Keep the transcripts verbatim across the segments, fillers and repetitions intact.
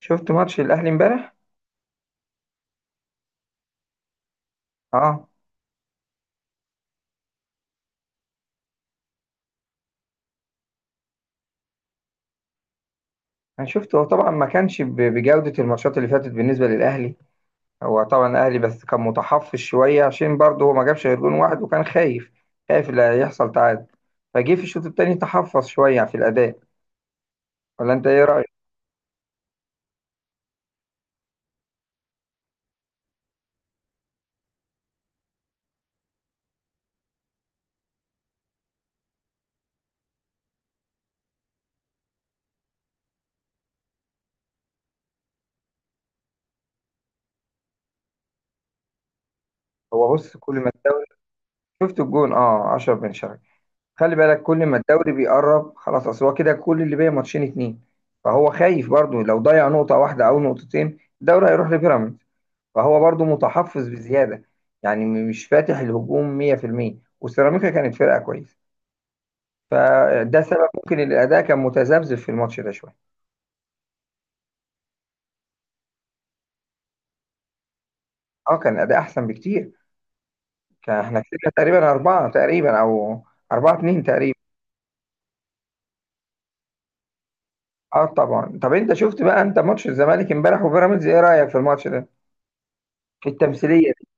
شفت ماتش الاهلي امبارح. اه، انا شفته، هو طبعا ما كانش ب- بجودة الماتشات اللي فاتت بالنسبة للاهلي. هو طبعا الاهلي بس كان متحفظ شوية، عشان برضه هو ما جابش غير جون واحد وكان خايف، خايف لا يحصل تعادل. فجه في الشوط التاني تحفظ شوية في الاداء، ولا انت ايه رأيك؟ هو بص، كل ما الدوري. شفت الجون؟ اه، عشرة بن شرقي. خلي بالك كل ما الدوري بيقرب خلاص، اصل هو كده كل اللي باقي ماتشين اتنين، فهو خايف برضه لو ضيع نقطة واحدة او نقطتين الدوري هيروح لبيراميدز، فهو برضو متحفظ بزيادة. يعني م- مش فاتح الهجوم مية في المية. وسيراميكا كانت فرقة كويسة، فده سبب ممكن إن الأداء كان متذبذب في الماتش ده شوية. اه، كان الأداء أحسن بكتير، كان احنا كسبنا تقريبا أربعة تقريبا، أو أربعة اتنين تقريبا. اه طبعا. طب انت شفت بقى انت ماتش الزمالك امبارح وبيراميدز، ايه رأيك في الماتش ده؟ في التمثيلية دي.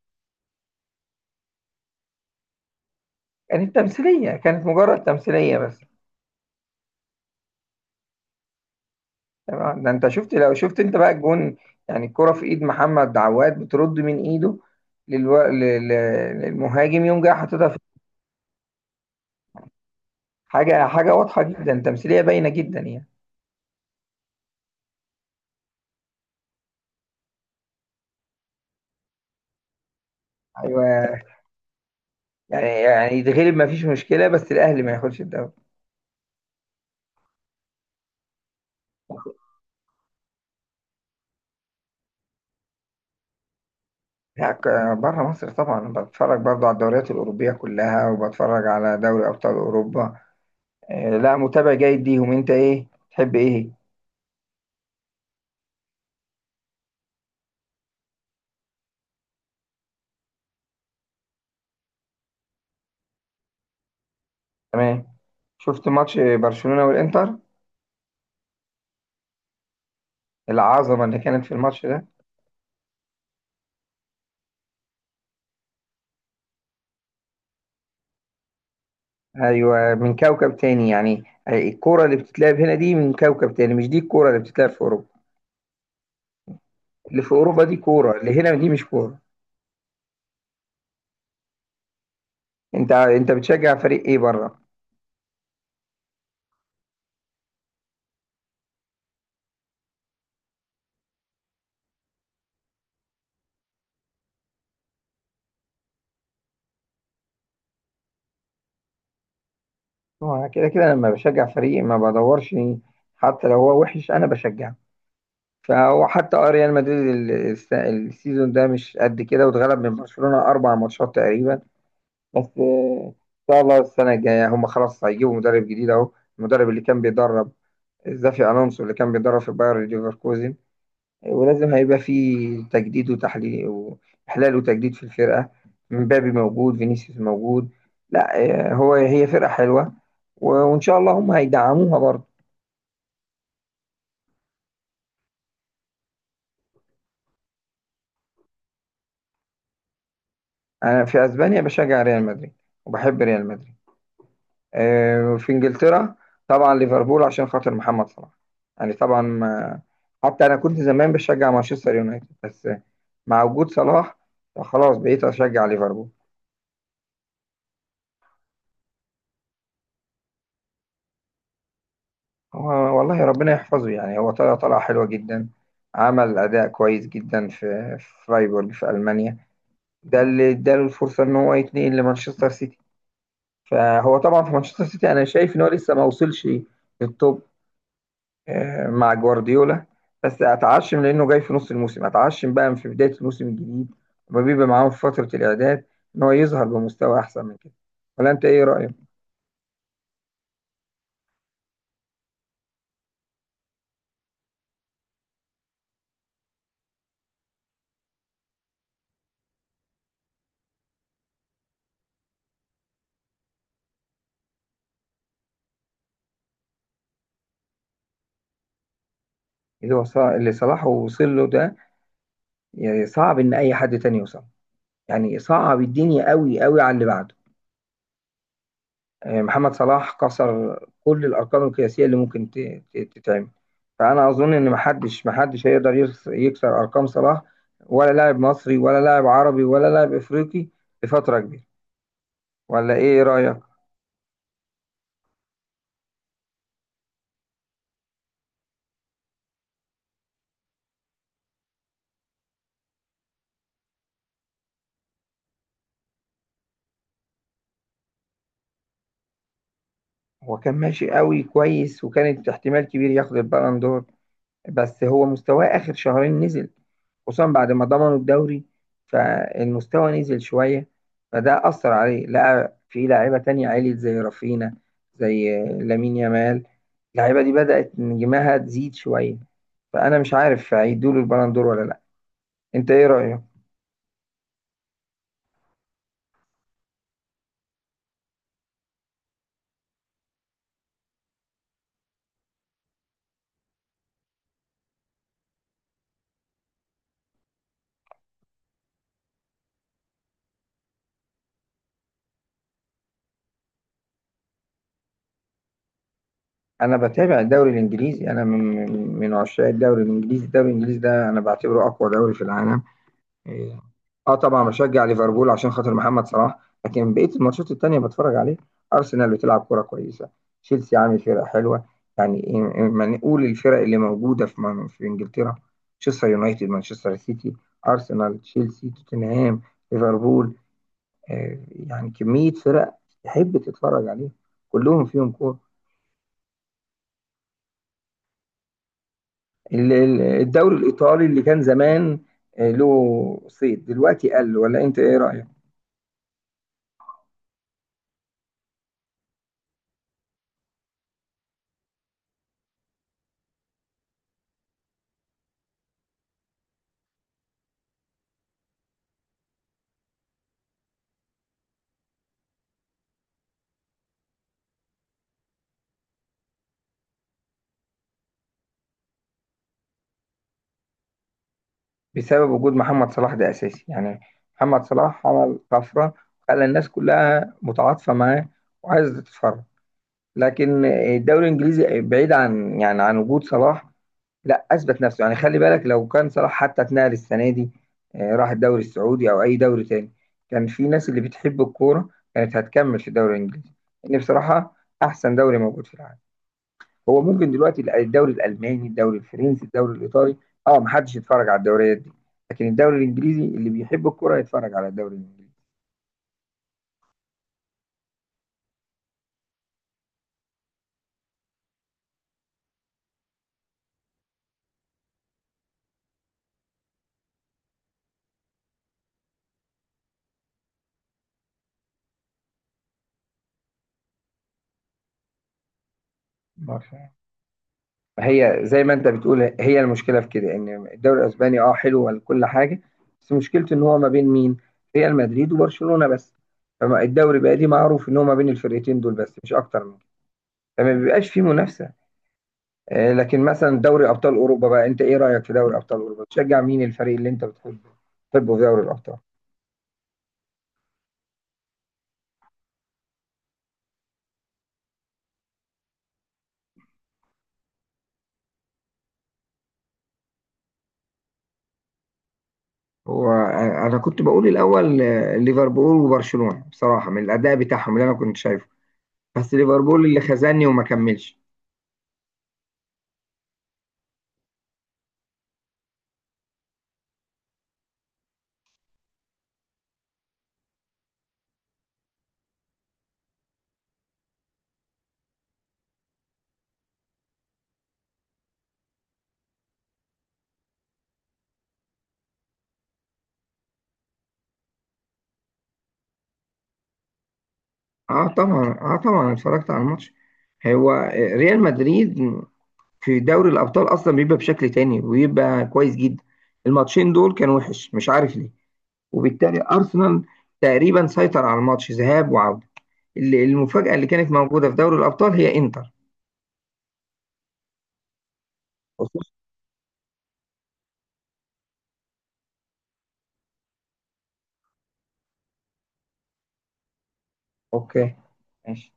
كانت تمثيلية، كانت مجرد تمثيلية بس. تمام، ده انت شفت، لو شفت انت بقى الجون، يعني الكرة في ايد محمد عواد بترد من ايده للو... ل- ل- للمهاجم يوم جاي حاططها في. حاجة حاجة واضحة جدا، تمثيلية باينة جدا يعني. ايوه. يعني يعني يتغلب ما فيش مشكلة، بس الاهلي ما ياخدش الدوري. لا ك- بره مصر طبعا بتفرج برضو على الدوريات الاوروبية كلها، وبتفرج على دوري ابطال اوروبا. آه، لا، متابع جيد ليهم. انت ايه تحب، ايه؟ تمام. شفت ماتش برشلونة والانتر، العظمة اللي كانت في الماتش ده. ايوه، من كوكب تاني يعني. آه، الكوره اللي بتتلعب هنا دي من كوكب تاني، مش دي الكوره اللي بتتلعب في اوروبا. اللي في اوروبا دي كوره، اللي هنا دي مش كوره. انت انت بتشجع فريق ايه بره؟ هو أنا كده كده لما بشجع فريق ما بدورش، حتى لو هو وحش انا بشجعه. فهو حتى آه، ريال مدريد ال- الس- السيزون ده مش قد كده، واتغلب من برشلونة اربع ماتشات تقريبا. بس آه، ان شاء الله السنه الجايه هم خلاص هيجيبوا مدرب جديد، اهو المدرب اللي كان بيدرب، زافي الونسو اللي كان بيدرب في باير ليفركوزن. ولازم هيبقى فيه تجديد وتحليل وإحلال وتجديد في الفرقة. مبابي موجود، فينيسيوس موجود. لا، آه، هو هي فرقة حلوة، و- وإن شاء الله هم هيدعموها برضه. أنا في أسبانيا بشجع ريال مدريد وبحب ريال مدريد. آه، في إنجلترا طبعا ليفربول عشان خاطر محمد صلاح. يعني طبعا ما، حتى أنا كنت زمان بشجع مانشستر يونايتد، بس مع وجود صلاح خلاص بقيت أشجع ليفربول. هو والله ربنا يحفظه، يعني هو طلع طلعة حلوة جدا، عمل أداء كويس جدا في في فرايبورج في ألمانيا. ده اللي اداله الفرصة إن هو يتنقل لمانشستر سيتي. فهو طبعا في مانشستر سيتي أنا شايف إن هو لسه ما وصلش للتوب، آه، مع جوارديولا. بس أتعشم لأنه جاي في نص الموسم، أتعشم بقى في بداية الموسم الجديد، لما بيبقى معاهم في فترة الإعداد، إن هو يظهر بمستوى أحسن من كده. ولا أنت إيه رأيك؟ اللي هو ص- اللي صلاح وصل له ده، يعني صعب إن أي حد تاني يوصل، يعني صعب الدنيا قوي قوي على اللي بعده. آه، محمد صلاح كسر كل الارقام القياسيه اللي ممكن ت- ت- تتعمل. فانا اظن ان محدش محدش هيقدر يكس- يكسر ارقام صلاح، ولا لاعب مصري ولا لاعب عربي ولا لاعب افريقي، لفتره كبيره. ولا ايه رايك؟ هو كان ماشي قوي كويس، وكانت احتمال كبير ياخد البالون دور. بس هو مستواه آخر شهرين نزل، خصوصا بعد ما ضمنوا الدوري، فالمستوى نزل شوية، فده أثر عليه. لقى في لاعيبة تانية عليت زي رافينا، زي لامين يامال. اللعيبة دي بدأت نجمها تزيد شوية، فأنا مش عارف هيدوله البالندور ولا لأ. أنت إيه رأيك؟ أنا بتابع الدوري الإنجليزي. أنا من من من عشاق الدوري الإنجليزي. الدوري الإنجليزي ده أنا بعتبره أقوى دوري في العالم. اه طبعا بشجع ليفربول عشان خاطر محمد صلاح، لكن بقيه الماتشات التانيه بتفرج عليه. ارسنال بتلعب كوره كويسه، تشيلسي عامل فرقه حلوه. يعني إيه- ما نقول الفرق اللي موجوده في من- في انجلترا: مانشستر يونايتد، مانشستر سيتي، ارسنال، تشيلسي، توتنهام، ليفربول. آه يعني كميه فرق تحب تتفرج عليهم، كلهم فيهم كوره. ال- ال- الدوري الايطالي اللي كان زمان آه، له صيت، دلوقتي قل. ولا انت ايه رايك؟ بسبب وجود محمد صلاح، ده اساسي يعني. محمد صلاح عمل طفره، خلى الناس كلها متعاطفه معاه وعايزه تتفرج. لكن الدوري الانجليزي بعيد عن، يعني عن وجود صلاح، لا اثبت نفسه. يعني خلي بالك لو كان صلاح حتى اتنقل السنه دي، آه، راح الدوري السعودي او اي دوري تاني، كان في ناس اللي بتحب الكوره كانت هتكمل في الدوري الانجليزي، لان بصراحه احسن دوري موجود في العالم. هو ممكن دلوقتي الدوري الالماني، الدوري الفرنسي، الدوري الايطالي، اه محدش يتفرج على الدوريات دي، لكن الدوري الانجليزي اللي بيحب الكرة يتفرج على الدوري الانجليزي. برشلونة. فهي زي ما انت بتقول، هي المشكله في كده، ان الدوري الاسباني اه حلو وكل حاجه، بس مشكلته ان هو ما بين مين؟ ريال مدريد وبرشلونه بس. فالدوري بقى دي معروف ان هو ما بين الفرقتين دول بس، مش اكتر من كده، فما بيبقاش فيه منافسه. آه، لكن مثلا دوري ابطال اوروبا بقى، انت ايه رايك في دوري ابطال اوروبا؟ تشجع مين الفريق اللي انت بتحبه، بتحبه في دوري الابطال؟ هو انا كنت بقول الاول آه، ليفربول وبرشلونه بصراحه، من الاداء بتاعهم اللي انا كنت شايفه. بس ليفربول اللي خزاني وما كملش. اه طبعا، اه طبعا أنا اتفرجت على الماتش. هو آه، ريال مدريد في دوري الابطال اصلا بيبقى بشكل تاني، ويبقى كويس جدا. الماتشين دول كان وحش، مش عارف ليه. وبالتالي ارسنال تقريبا سيطر على الماتش ذهاب وعوده. اللي- المفاجاه اللي كانت موجوده في دوري الابطال هي انتر. اوكي، ماشي.